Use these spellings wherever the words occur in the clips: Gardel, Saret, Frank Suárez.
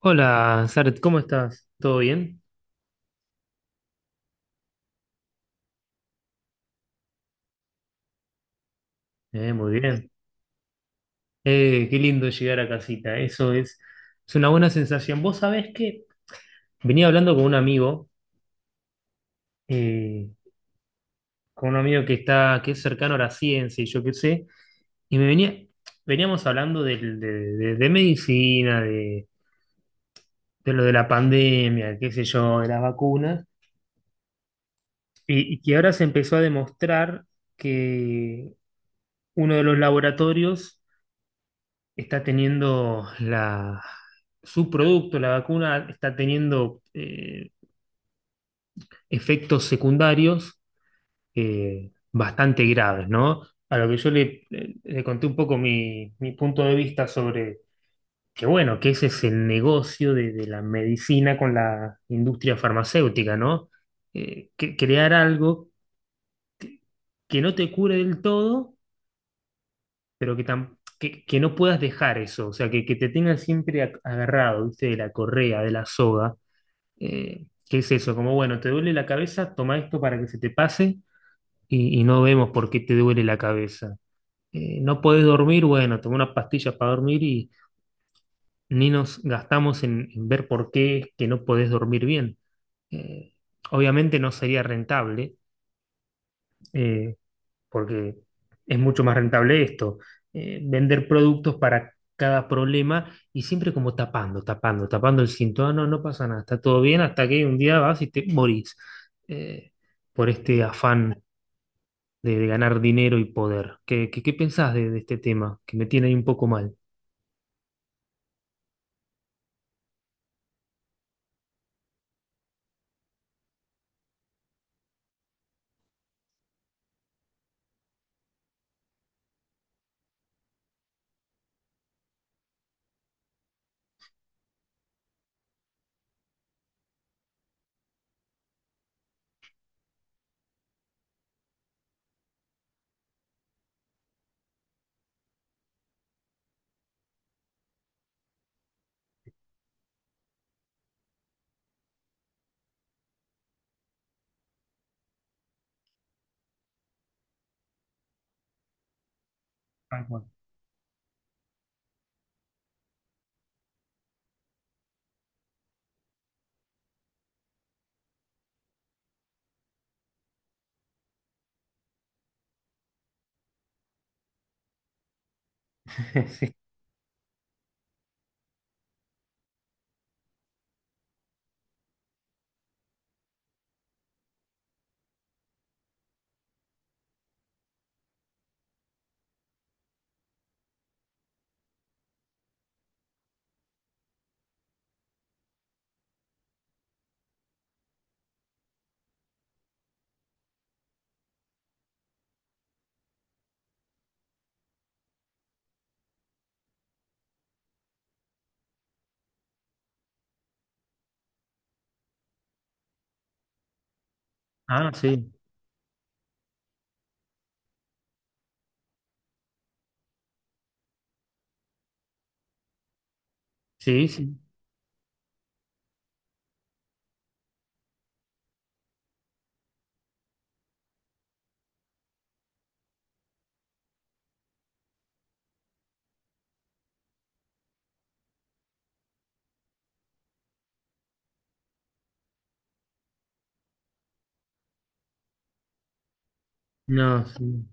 Hola, Saret, ¿cómo estás? ¿Todo bien? Muy bien. Qué lindo llegar a casita, eso es, una buena sensación. Vos sabés que venía hablando con un amigo, eh, que es cercano a la ciencia y yo qué sé, y veníamos hablando de medicina, de lo de la pandemia, qué sé yo, de las vacunas, y que ahora se empezó a demostrar que uno de los laboratorios está teniendo su producto, la vacuna, está teniendo efectos secundarios, bastante graves, ¿no? A lo que yo le conté un poco mi punto de vista sobre que, bueno, que ese es el negocio de la medicina con la industria farmacéutica, ¿no? Crear algo que no te cure del todo, pero que no puedas dejar eso, o sea, que te tengan siempre agarrado, ¿viste? De la correa, de la soga. ¿Qué es eso? Como, bueno, te duele la cabeza, toma esto para que se te pase y no vemos por qué te duele la cabeza. No podés dormir, bueno, toma una pastilla para dormir y ni nos gastamos en ver por qué es que no podés dormir bien. Eh, Obviamente no sería rentable, eh, porque es mucho más rentable esto, vender productos para cada problema y siempre como tapando, tapando, tapando el síntoma, no, no pasa nada, está todo bien hasta que un día vas y te morís, eh, por este afán de ganar dinero y poder. ¿Qué pensás de este tema? Que me tiene ahí un poco mal. Tal cual. Sí. Ah, sí, sí, sí. No, sí.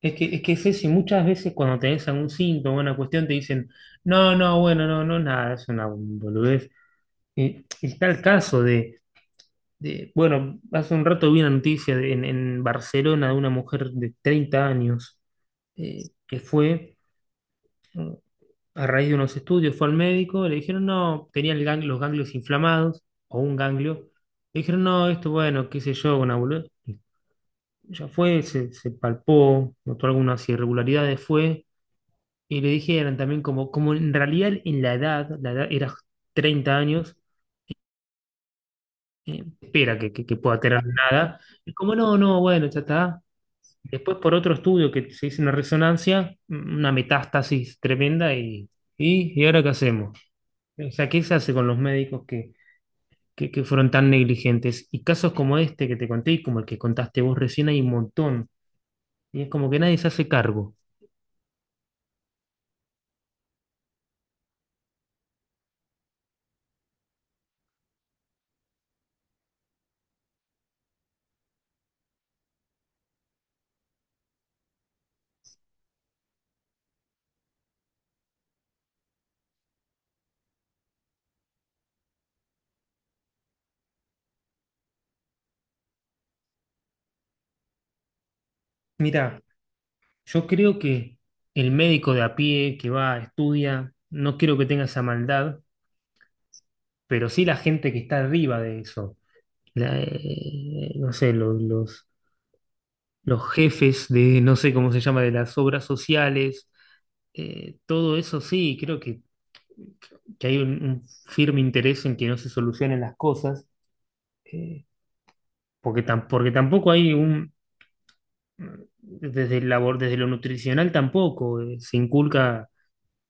Es que es eso, y muchas veces cuando tenés algún síntoma, una cuestión, te dicen, no, no, bueno, no, no, nada, es una boludez. Y, está el caso bueno, hace un rato vi una noticia en Barcelona de una mujer de 30 años, que fue, eh, a raíz de unos estudios, fue al médico, le dijeron, no, tenía los ganglios inflamados o un ganglio. Le dijeron, no, esto, bueno, qué sé yo, una boludez. Ya fue, se palpó, notó algunas irregularidades, fue, y le dijeron también como en realidad en la edad era 30 años, espera que pueda tener nada. Y como no, no, bueno, ya está. Después por otro estudio que se hizo una resonancia, una metástasis tremenda, ¿y ahora qué hacemos? O sea, ¿qué se hace con los médicos que fueron tan negligentes? Y casos como este que te conté y como el que contaste vos recién hay un montón. Y es como que nadie se hace cargo. Mira, yo creo que el médico de a pie que va, estudia, no quiero que tenga esa maldad, pero sí la gente que está arriba de eso no sé, los jefes de, no sé cómo se llama, de las obras sociales, todo eso sí, creo que hay un firme interés en que no se solucionen las cosas, eh, porque tampoco hay desde el labor, desde lo nutricional tampoco, se inculca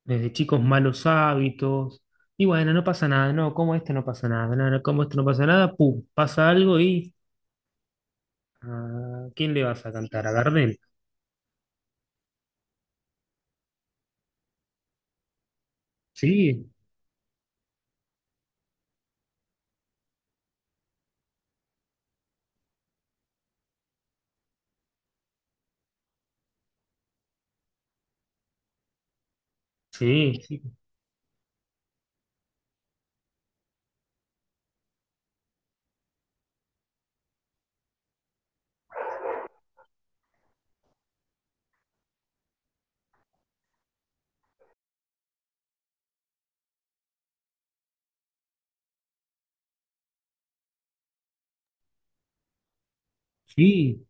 desde chicos malos hábitos. Y bueno, no pasa nada, no, como esto no pasa nada, no, no, como esto no pasa nada, pum, pasa algo y ¿a quién le vas a Sí, cantar? ¿A sí. Gardel? Sí, sí, sí, sí,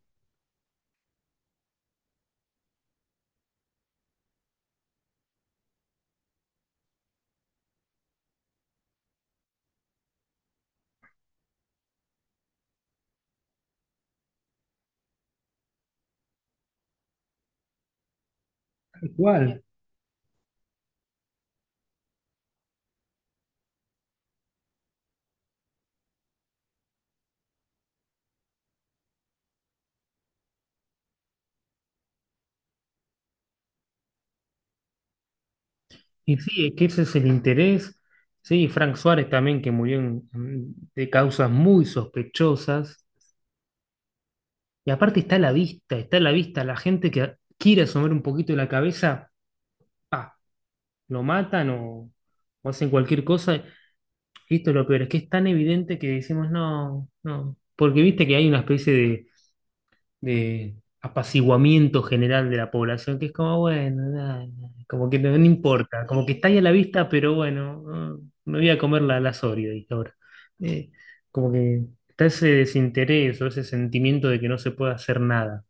tal cual. Y sí, es que ese es el interés. Sí, Frank Suárez también, que murió de causas muy sospechosas. Y aparte está a la vista, está a la vista la gente que quiere asomar un poquito la cabeza, pa, lo matan o hacen cualquier cosa. Y esto es lo peor, es que es tan evidente que decimos, no, no. Porque viste que hay una especie de apaciguamiento general de la población, que es como, bueno, nada, nada, como que no importa, como que está ahí a la vista, pero bueno, no, me voy a comer la Oreo, dije ahora. Eh, Como que está ese desinterés o ese sentimiento de que no se puede hacer nada.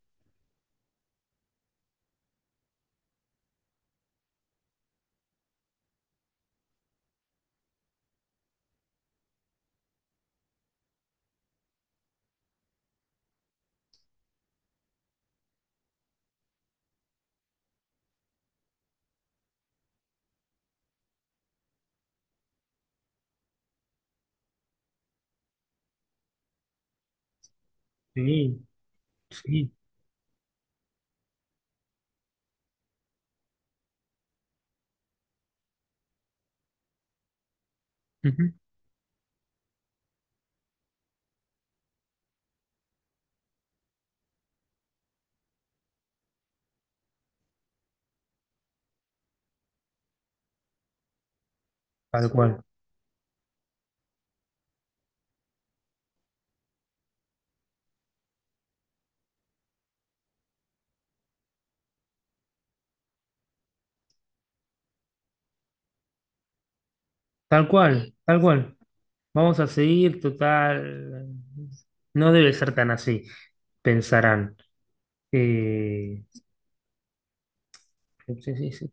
Sí, sí, ujú, tal cual, tal cual, tal cual. Vamos a seguir, total. No debe ser tan así, pensarán. Eh, sí, sí, sí.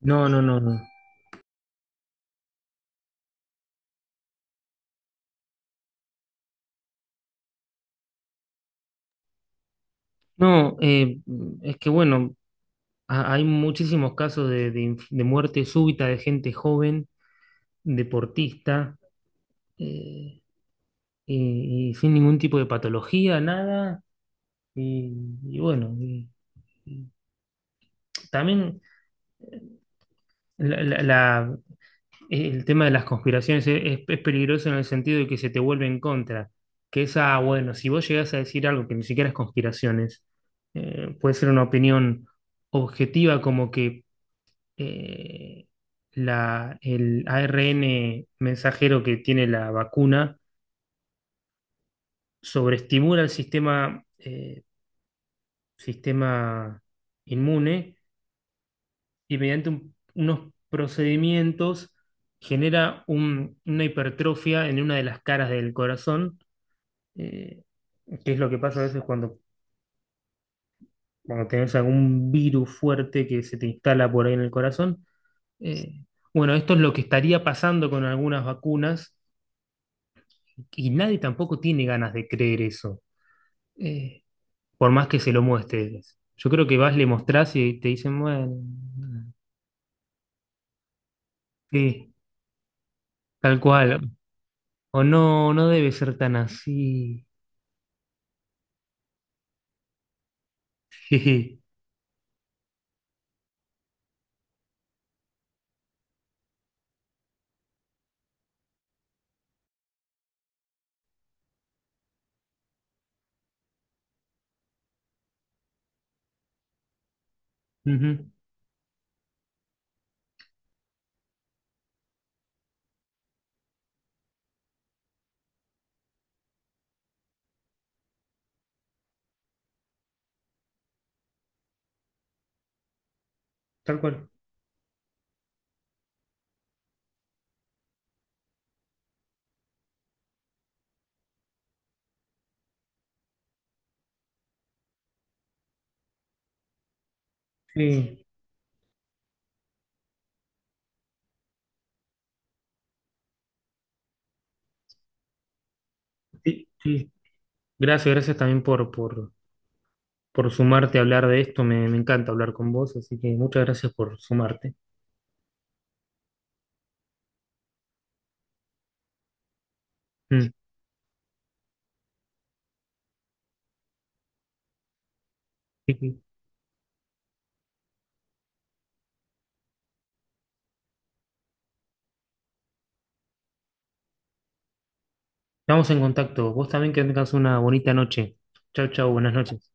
No, no, no, no. No, es que bueno, hay muchísimos casos de muerte súbita de gente joven, deportista, eh, y sin ningún tipo de patología, nada. Y, y bueno, y también la- la- la- el tema de las conspiraciones es peligroso en el sentido de que se te vuelve en contra. Que esa, bueno, si vos llegás a decir algo que ni siquiera es conspiraciones, puede ser una opinión objetiva como que eh, el ARN mensajero que tiene la vacuna sobreestimula el sistema inmune y mediante unos procedimientos genera una hipertrofia en una de las caras del corazón, eh, que es lo que pasa a veces cuando tenés algún virus fuerte que se te instala por ahí en el corazón. Eh, bueno, esto es lo que estaría pasando con algunas vacunas y nadie tampoco tiene ganas de creer eso, eh, por más que se lo muestres. Yo creo que vas, le mostrás y te dicen, bueno, sí, tal cual. O no, no debe ser tan así. Jeje. Ujú, tal cual. Sí, sí, sí. Gracias, gracias también por sumarte a hablar de esto. Me encanta hablar con vos, así que muchas gracias por sumarte. Mm, sí, sí. Estamos en contacto. Vos también que tengas una bonita noche. Chau, chau, buenas noches.